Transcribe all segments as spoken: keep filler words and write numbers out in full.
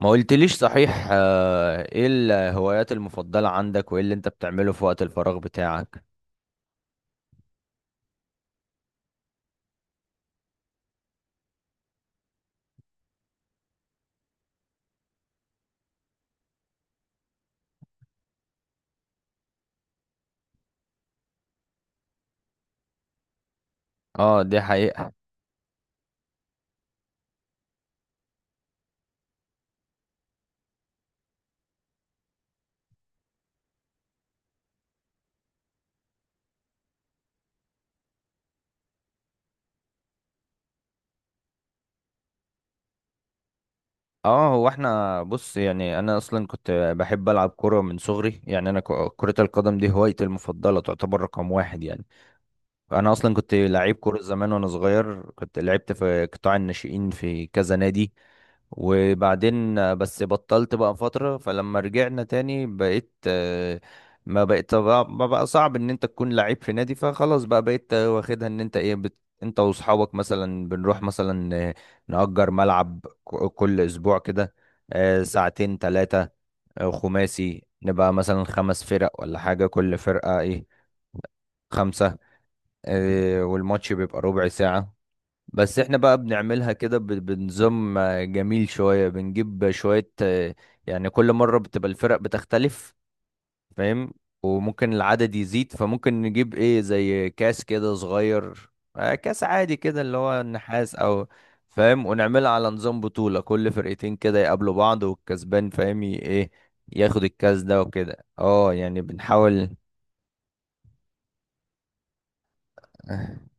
ما قلتليش صحيح. آه، ايه الهوايات المفضلة عندك وايه اللي انت بتعمله في وقت الفراغ بتاعك؟ اه، دي حقيقة. اه، هو احنا بص. يعني انا اصلا كنت بحب العب كورة من صغري. يعني انا ك- كرة القدم دي هوايتي المفضلة، تعتبر رقم واحد يعني. انا اصلا كنت لعيب كوره زمان وانا صغير، كنت لعبت في قطاع الناشئين في كذا نادي، وبعدين بس بطلت بقى فتره. فلما رجعنا تاني بقيت، آه، ما بقيت ما بقى صعب ان انت تكون لعيب في نادي، فخلاص بقى بقيت واخدها ان انت ايه بت... انت واصحابك مثلا بنروح مثلا، آه، نأجر ملعب ك- كل اسبوع كده، آه، ساعتين ثلاثه خماسي. نبقى مثلا خمس فرق ولا حاجه، كل فرقه ايه خمسه. آه، والماتش بيبقى ربع ساعة. بس احنا بقى بنعملها كده ب- بنظام آه، جميل شوية. بنجيب شوية آه، يعني كل مرة بتبقى الفرق بتختلف، فاهم. وممكن العدد يزيد، فممكن نجيب ايه زي كاس كده صغير، آه، كاس عادي كده اللي هو النحاس او فاهم، ونعملها على نظام بطولة، كل فرقتين كده يقابلوا بعض والكسبان فاهم ي- ايه ياخد الكاس ده وكده. اه يعني بنحاول.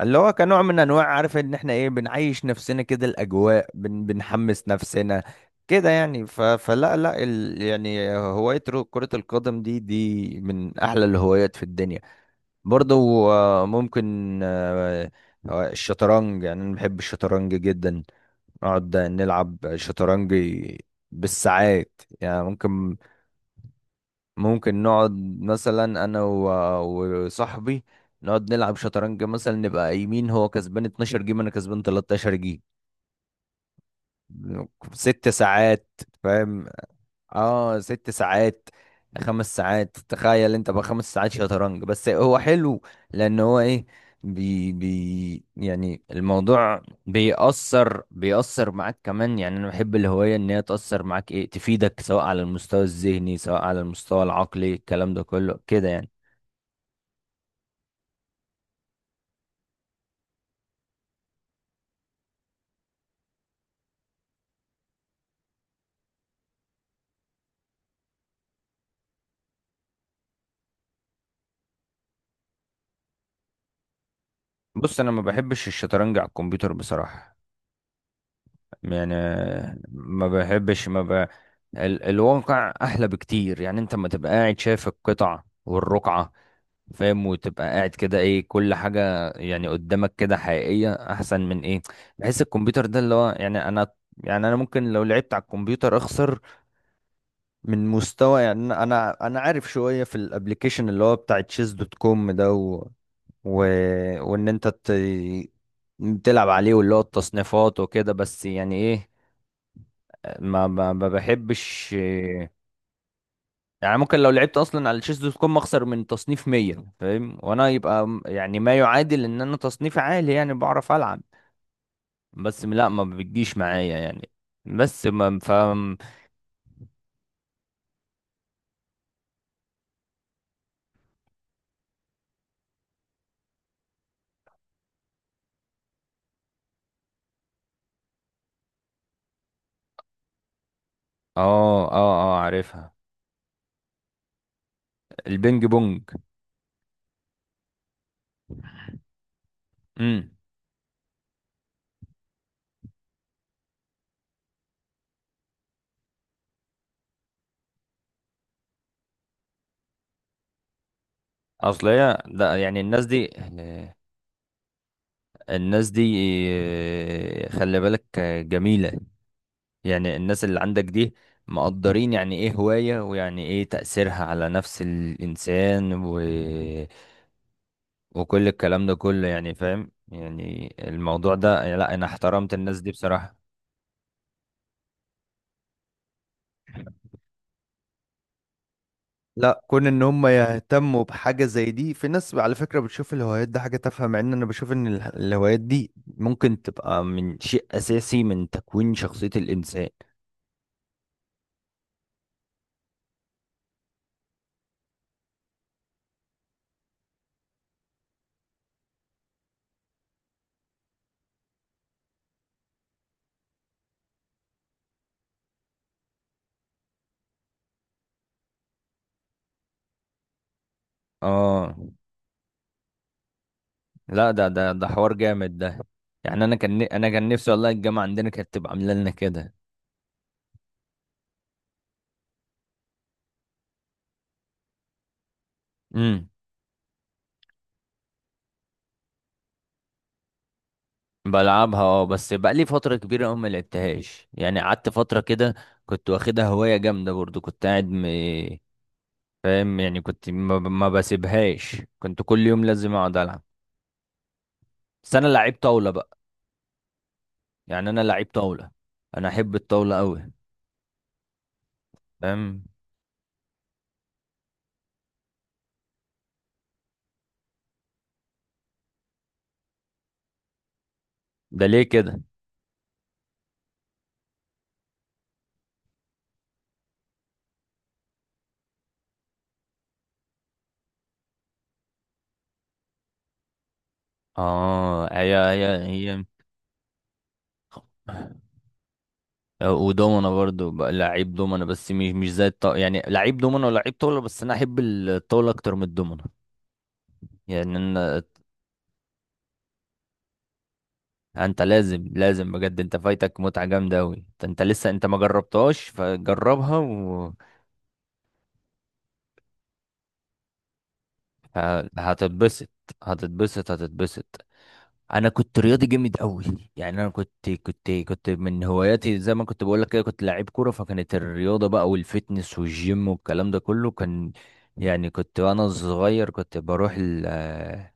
اللي هو كنوع من انواع، عارف ان احنا ايه بنعيش نفسنا كده الاجواء، بن بنحمس نفسنا كده يعني. ف... فلا لا ال... يعني هواية رو- كرة القدم دي دي من احلى الهوايات في الدنيا برضو. آه، ممكن آه، آه، الشطرنج، يعني انا بحب الشطرنج جدا. نقعد نلعب شطرنج بالساعات، يعني ممكن ممكن نقعد مثلا، انا و- وصاحبي، نقعد نلعب شطرنج. مثلا نبقى قايمين، هو كسبان اتناشر جيم انا كسبان تلتاشر جيم ست ساعات، فاهم. اه ست ساعات، خمس ساعات. تخيل انت بقى خمس ساعات شطرنج. بس هو حلو لان هو ايه بي بي يعني الموضوع بيأثر بيأثر معاك كمان. يعني انا بحب الهواية ان هي تأثر معاك ايه تفيدك، سواء على المستوى الذهني سواء على المستوى العقلي، الكلام ده كله كده يعني. بص، انا ما بحبش الشطرنج على الكمبيوتر بصراحه. يعني ما بحبش ما ب... ال... الواقع احلى بكتير. يعني انت ما تبقى قاعد شايف القطع والرقعه، فاهم، وتبقى قاعد كده ايه، كل حاجه يعني قدامك كده حقيقيه، احسن من ايه بحس. الكمبيوتر ده اللي هو يعني انا، يعني انا ممكن لو لعبت على الكمبيوتر اخسر من مستوى. يعني انا انا أنا عارف شويه في الابليكيشن اللي هو بتاع تشيز دوت كوم ده. و... وان انت ت... تلعب عليه، واللي هو التصنيفات وكده، بس يعني ايه. ما ما ما بحبش، يعني ممكن لو لعبت اصلا على تشيز دوت كوم اخسر من تصنيف مية، فاهم. وانا يبقى م- يعني ما يعادل ان انا تصنيفي عالي، يعني بعرف العب بس لا، ما بتجيش معايا يعني. بس ما فاهم. اه اه اه، عارفها. البينج بونج. امم اصل هي لا، يعني الناس دي الناس دي خلي بالك جميلة. يعني الناس اللي عندك دي مقدرين، يعني ايه هواية، ويعني ايه تأثيرها على نفس الإنسان، و... وكل الكلام ده كله يعني، فاهم. يعني الموضوع ده، لا انا احترمت الناس دي بصراحة. لا، كون ان هم يهتموا بحاجة زي دي، في ناس على فكرة بتشوف الهوايات دي حاجة تافهة، مع ان انا بشوف ان اله- الهوايات دي ممكن تبقى من شيء اساسي من تكوين شخصية الانسان. اه لا، ده ده ده حوار جامد ده. يعني انا كان انا كان نفسي والله الجامعه عندنا كانت تبقى عامله لنا كده. امم بلعبها اه. بس بقى لي فتره كبيره قوي ما لعبتهاش. يعني قعدت فتره كده كنت واخدها هوايه جامده برضو، كنت قاعد م... فاهم. يعني كنت ما, ب- ما بسيبهاش، كنت كل يوم لازم اقعد العب. بس انا لعيب طاوله بقى. يعني انا لعيب طاوله، انا احب الطاوله قوي، فاهم. ده ليه كده. اه، هي هي هي. ودومنا برضو بقى لعيب دومنا بس مش مش زي الط... يعني لعيب دومنا ولعيب طاولة، بس انا احب الطاولة اكتر من الدومنا. يعني ان انت لازم، لازم بجد انت فايتك متعة جامدة اوي. انت أنت لسه انت ما جربتهاش، فجربها و... ه- هتتبسط. هتتبسط هتتبسط. انا كنت رياضي جامد قوي. يعني انا كنت كنت كنت من هواياتي زي ما كنت بقول لك كده، كنت لعيب كوره، فكانت الرياضه بقى والفتنس والجيم والكلام ده كله كان. يعني كنت وانا صغير كنت بروح ال آه،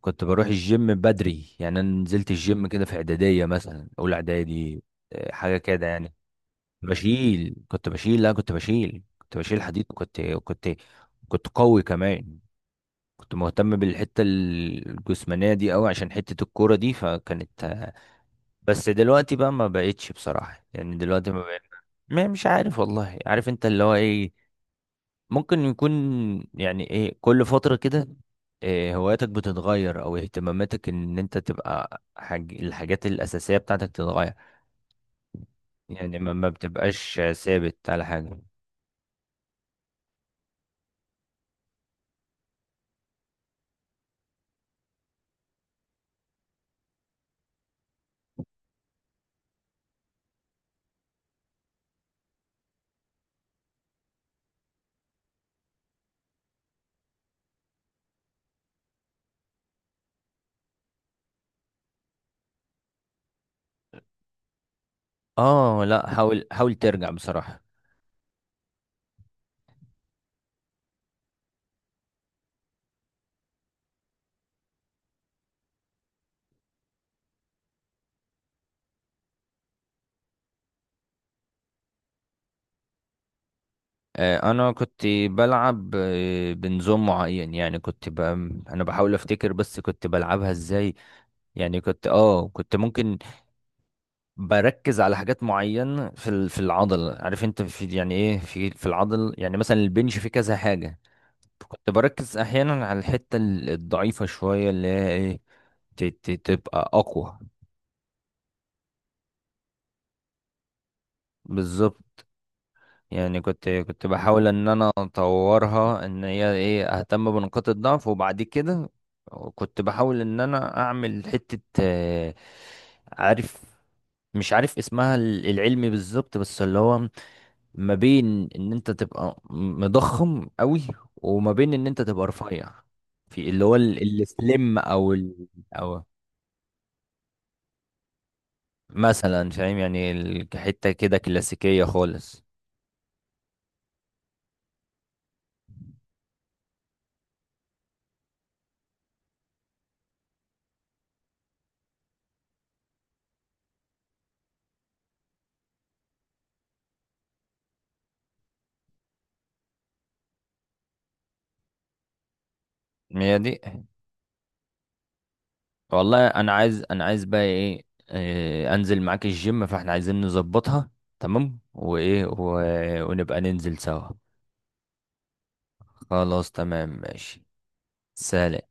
كنت بروح الجيم بدري. يعني انا نزلت الجيم كده في اعداديه، مثلا اولى اعدادي آه، حاجه كده يعني. بشيل كنت بشيل لا كنت بشيل كنت بشيل حديد. كنت كنت كنت قوي كمان. كنت مهتم بالحته الجسمانيه دي قوي عشان حته الكوره دي، فكانت. بس دلوقتي بقى ما بقتش بصراحة، يعني دلوقتي ما بقى. ما- مش عارف والله، عارف انت اللي هو ايه، ممكن يكون. يعني ايه كل فترة كده إيه هواياتك بتتغير او اهتماماتك، ان انت تبقى حاج... الحاجات الاساسية بتاعتك تتغير. يعني ما, ما بتبقاش ثابت على حاجة. اه لا، حاول حاول ترجع بصراحة. آه، انا كنت بلعب آه، بنظام معين، يعني كنت ب... انا بحاول افتكر بس كنت بلعبها ازاي. يعني كنت اه كنت ممكن بركز على حاجات معينة في ال- في العضل. عارف انت في يعني ايه في في العضل، يعني مثلا البنش فيه كذا حاجة. كنت بركز احيانا على الحتة ال- الضعيفة شوية، اللي هي ايه ت- ت- تبقى اقوى. بالظبط. يعني كنت كنت بحاول ان انا اطورها، ان هي ايه اهتم بنقاط الضعف. وبعد كده كنت بحاول ان انا اعمل حتة آه، عارف مش عارف اسمها ال- العلمي بالظبط، بس اللي هو ما بين ان انت تبقى مضخم قوي وما بين ان انت تبقى رفيع. في اللي هو ال- السليم او ال... او مثلا فاهم يعني ال- حته كده كلاسيكيه خالص. هي دي. والله انا عايز انا عايز بقى ايه، آه، انزل معاك الجيم، فاحنا عايزين نظبطها تمام. وايه و... ونبقى ننزل سوا. خلاص تمام ماشي. سلام.